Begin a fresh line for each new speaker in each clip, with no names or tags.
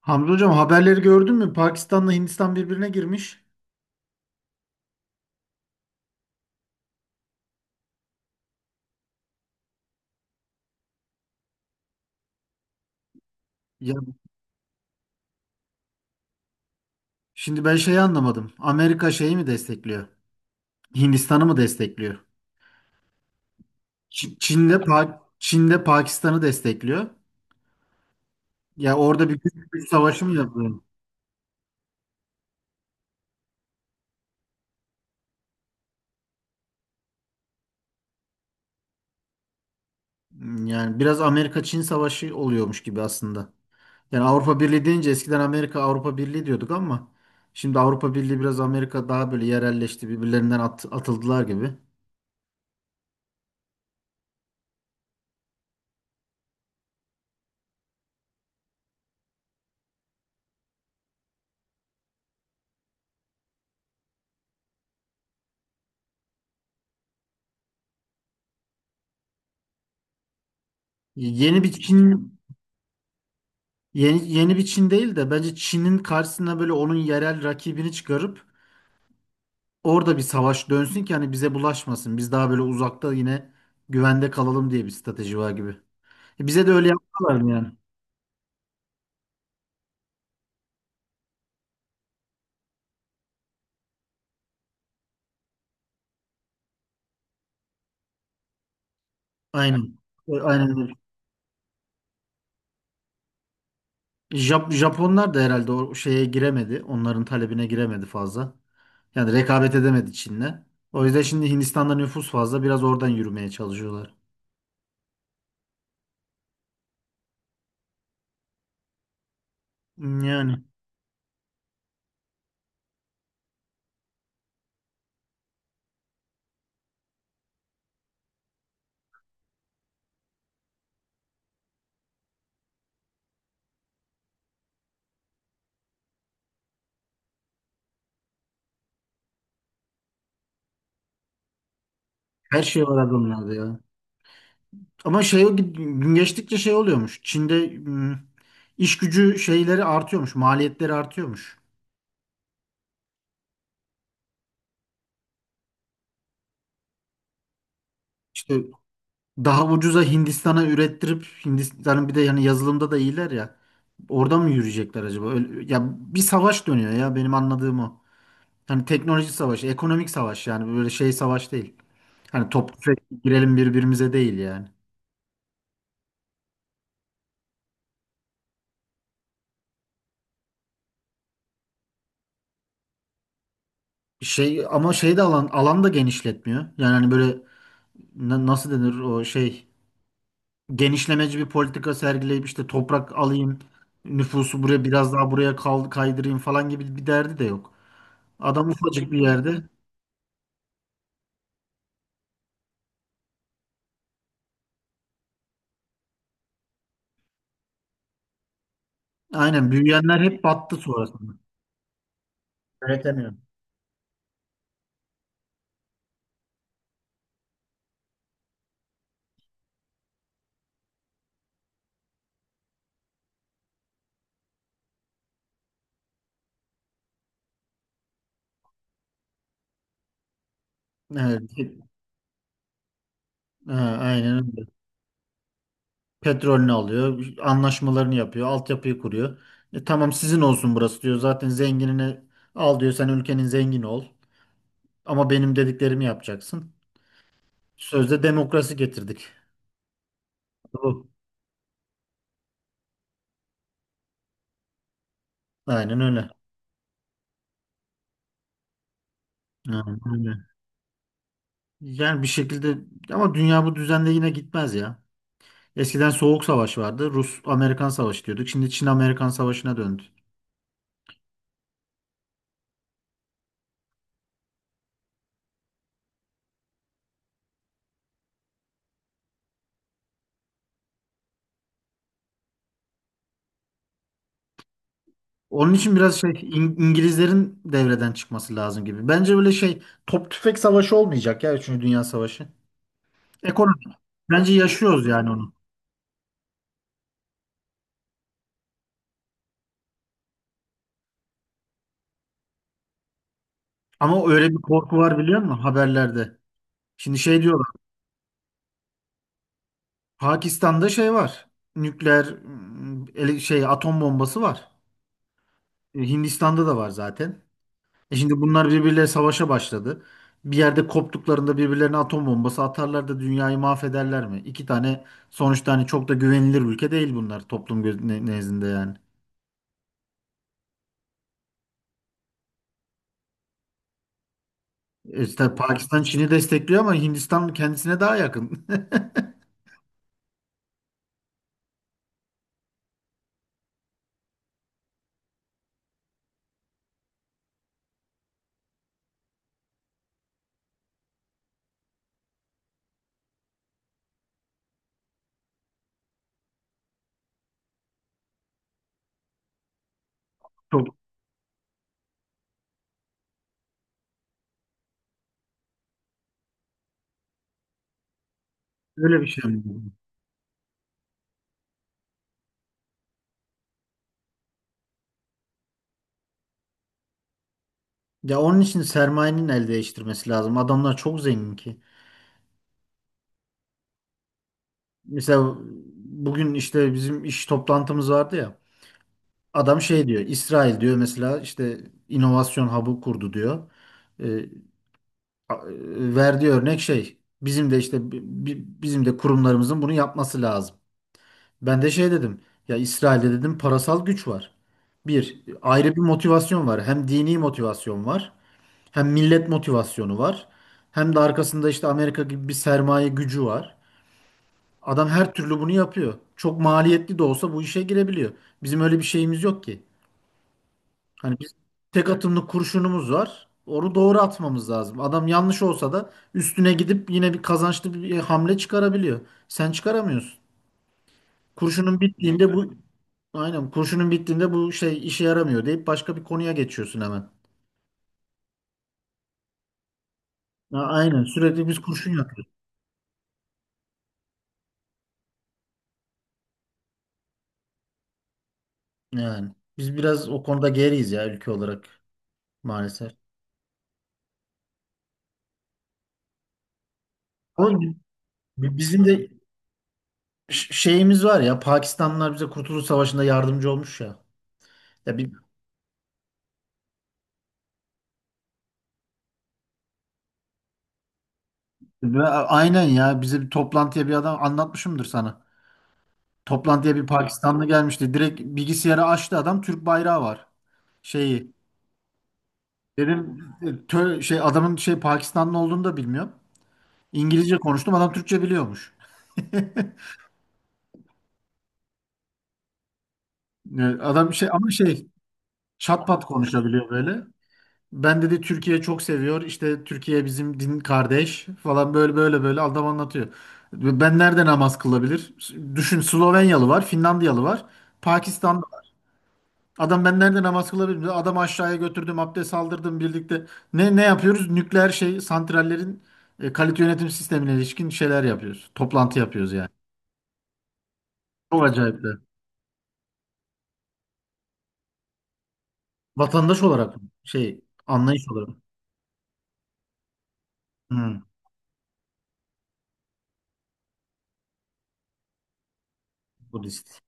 Hamza hocam haberleri gördün mü? Pakistan'la Hindistan birbirine girmiş. Ya şimdi ben şeyi anlamadım. Amerika şeyi mi destekliyor? Hindistan'ı mı destekliyor? Çin'le Pakistan'ı destekliyor. Ya orada bir güç savaşı mı yapıyor? Yani biraz Amerika-Çin savaşı oluyormuş gibi aslında. Yani Avrupa Birliği deyince eskiden Amerika Avrupa Birliği diyorduk ama şimdi Avrupa Birliği biraz Amerika daha böyle yerelleşti, birbirlerinden atıldılar gibi. Yeni bir Çin. Yeni bir Çin değil de bence Çin'in karşısına böyle onun yerel rakibini çıkarıp orada bir savaş dönsün ki hani bize bulaşmasın. Biz daha böyle uzakta yine güvende kalalım diye bir strateji var gibi. E bize de öyle yaptılar mı yani? Aynen. E, aynen öyle. Japonlar da herhalde o şeye giremedi. Onların talebine giremedi fazla. Yani rekabet edemedi Çin'le. O yüzden şimdi Hindistan'da nüfus fazla. Biraz oradan yürümeye çalışıyorlar. Yani her şey var adamlarda ya. Ama şey gün geçtikçe şey oluyormuş. Çin'de iş gücü şeyleri artıyormuş, maliyetleri artıyormuş. İşte daha ucuza Hindistan'a ürettirip Hindistan'ın bir de yani yazılımda da iyiler ya. Orada mı yürüyecekler acaba? Öyle- ya bir savaş dönüyor ya benim anladığım o. Hani teknoloji savaşı, ekonomik savaş yani böyle şey savaş değil. Hani top tüfek girelim birbirimize değil yani. Şey ama şey de alan da genişletmiyor. Yani hani böyle nasıl denir o şey, genişlemeci bir politika sergileyip işte toprak alayım, nüfusu buraya biraz daha buraya kaydırayım falan gibi bir derdi de yok. Adam ufacık bir yerde. Aynen, büyüyenler hep battı sonrasında. Yönetemiyor. Evet. Ha, aynen öyle. Petrolünü alıyor, anlaşmalarını yapıyor, altyapıyı kuruyor. E, tamam sizin olsun burası diyor. Zaten zenginini al diyor. Sen ülkenin zengini ol. Ama benim dediklerimi yapacaksın. Sözde demokrasi getirdik. Bu. Aynen öyle. Aynen öyle. Yani bir şekilde ama dünya bu düzende yine gitmez ya. Eskiden Soğuk Savaş vardı. Rus-Amerikan Savaşı diyorduk. Şimdi Çin-Amerikan Savaşı'na döndü. Onun için biraz şey İngilizlerin devreden çıkması lazım gibi. Bence böyle şey top tüfek savaşı olmayacak ya 3. Dünya Savaşı. Ekonomi. Bence yaşıyoruz yani onu. Ama öyle bir korku var biliyor musun haberlerde? Şimdi şey diyorlar. Pakistan'da şey var. Nükleer ım, ele- şey atom bombası var. E, Hindistan'da da var zaten. E şimdi bunlar birbirleriyle savaşa başladı. Bir yerde koptuklarında birbirlerine atom bombası atarlar da dünyayı mahvederler mi? İki tane sonuçta hani çok da güvenilir ülke değil bunlar toplum nezdinde yani. E İşte Pakistan Çin'i destekliyor ama Hindistan kendisine daha yakın. Çok öyle bir şey mi? Ya onun için sermayenin el değiştirmesi lazım. Adamlar çok zengin ki. Mesela bugün işte bizim iş toplantımız vardı ya. Adam şey diyor, İsrail diyor mesela işte inovasyon hub'ı kurdu diyor. E, verdiği örnek şey, bizim de işte bizim de kurumlarımızın bunu yapması lazım. Ben de şey dedim, ya İsrail'de dedim parasal güç var. Bir ayrı bir motivasyon var. Hem dini motivasyon var, hem millet motivasyonu var. Hem de arkasında işte Amerika gibi bir sermaye gücü var. Adam her türlü bunu yapıyor. Çok maliyetli de olsa bu işe girebiliyor. Bizim öyle bir şeyimiz yok ki. Hani biz tek atımlı kurşunumuz var. Onu doğru atmamız lazım. Adam yanlış olsa da üstüne gidip yine bir kazançlı bir hamle çıkarabiliyor. Sen çıkaramıyorsun. Kurşunun bittiğinde kurşunun bittiğinde bu şey işe yaramıyor deyip başka bir konuya geçiyorsun hemen. Ya aynen sürekli biz kurşun yapıyoruz. Yani biz biraz o konuda geriyiz ya ülke olarak, maalesef. Ama bizim de şeyimiz var ya, Pakistanlılar bize Kurtuluş Savaşı'nda yardımcı olmuş ya. Ya bi- Ve aynen, ya bize bir toplantıya bir adam anlatmışımdır sana. Toplantıya bir Pakistanlı gelmişti. Direkt bilgisayarı açtı adam, Türk bayrağı var. Şeyi dedim adamın şey Pakistanlı olduğunu da bilmiyorum. İngilizce konuştum, adam Türkçe biliyormuş. E, adam şey ama şey çat pat konuşabiliyor böyle. Ben dedi Türkiye çok seviyor. İşte Türkiye bizim din kardeş falan böyle böyle böyle adam anlatıyor. Ben nerede namaz kılabilir? Düşün, Slovenyalı var, Finlandiyalı var. Pakistanlı adam, ben nerede namaz kılabilirim? Adam aşağıya götürdüm, abdest aldırdım birlikte. Ne ne yapıyoruz? Nükleer şey santrallerin kalite yönetim sistemine ilişkin şeyler yapıyoruz. Toplantı yapıyoruz yani. Çok acayip de. Vatandaş olarak mı? Şey, anlayış olarak. Hı, Budist.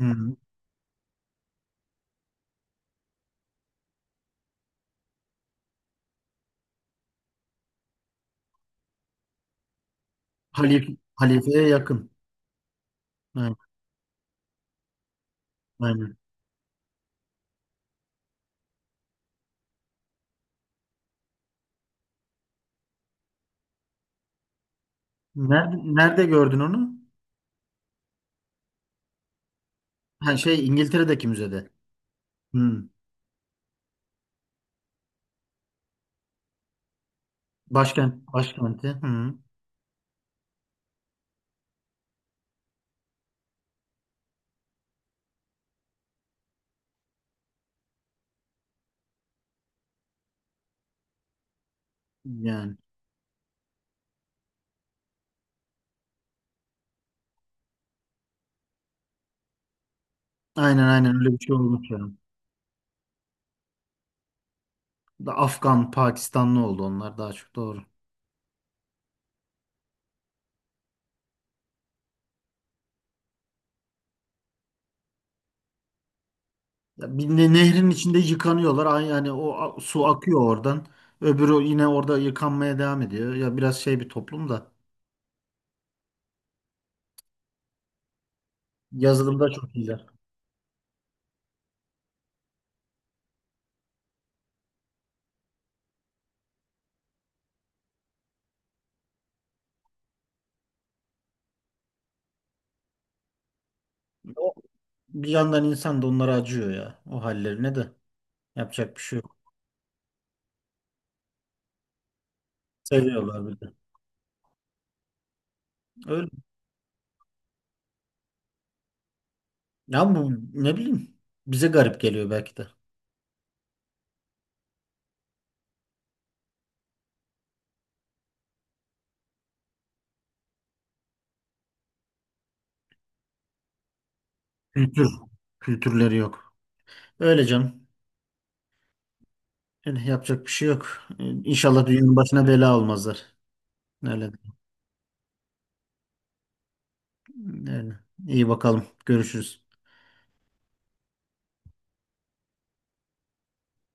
Hı. Halif, halifeye yakın. Hı, aynen. Nerede gördün onu? Ha, şey İngiltere'deki müzede. Hı. Başkenti. Hı. Yani. Aynen öyle bir şey olmuş ya. Da Afgan, Pakistanlı oldu onlar daha çok, doğru. Ya bir nehrin içinde yıkanıyorlar. Yani o su akıyor oradan. Öbürü yine orada yıkanmaya devam ediyor. Ya biraz şey bir toplum da. Yazılımda çok iyiler. O, bir yandan insan da onlara acıyor ya. O hallerine de. Yapacak bir şey yok. Seviyorlar bir de. Öyle. Ya bu ne bileyim. Bize garip geliyor belki de. Kültür. Kültürleri yok. Öyle canım. Yani yapacak bir şey yok. İnşallah dünyanın başına bela olmazlar. Öyle. Öyle. İyi bakalım. Görüşürüz.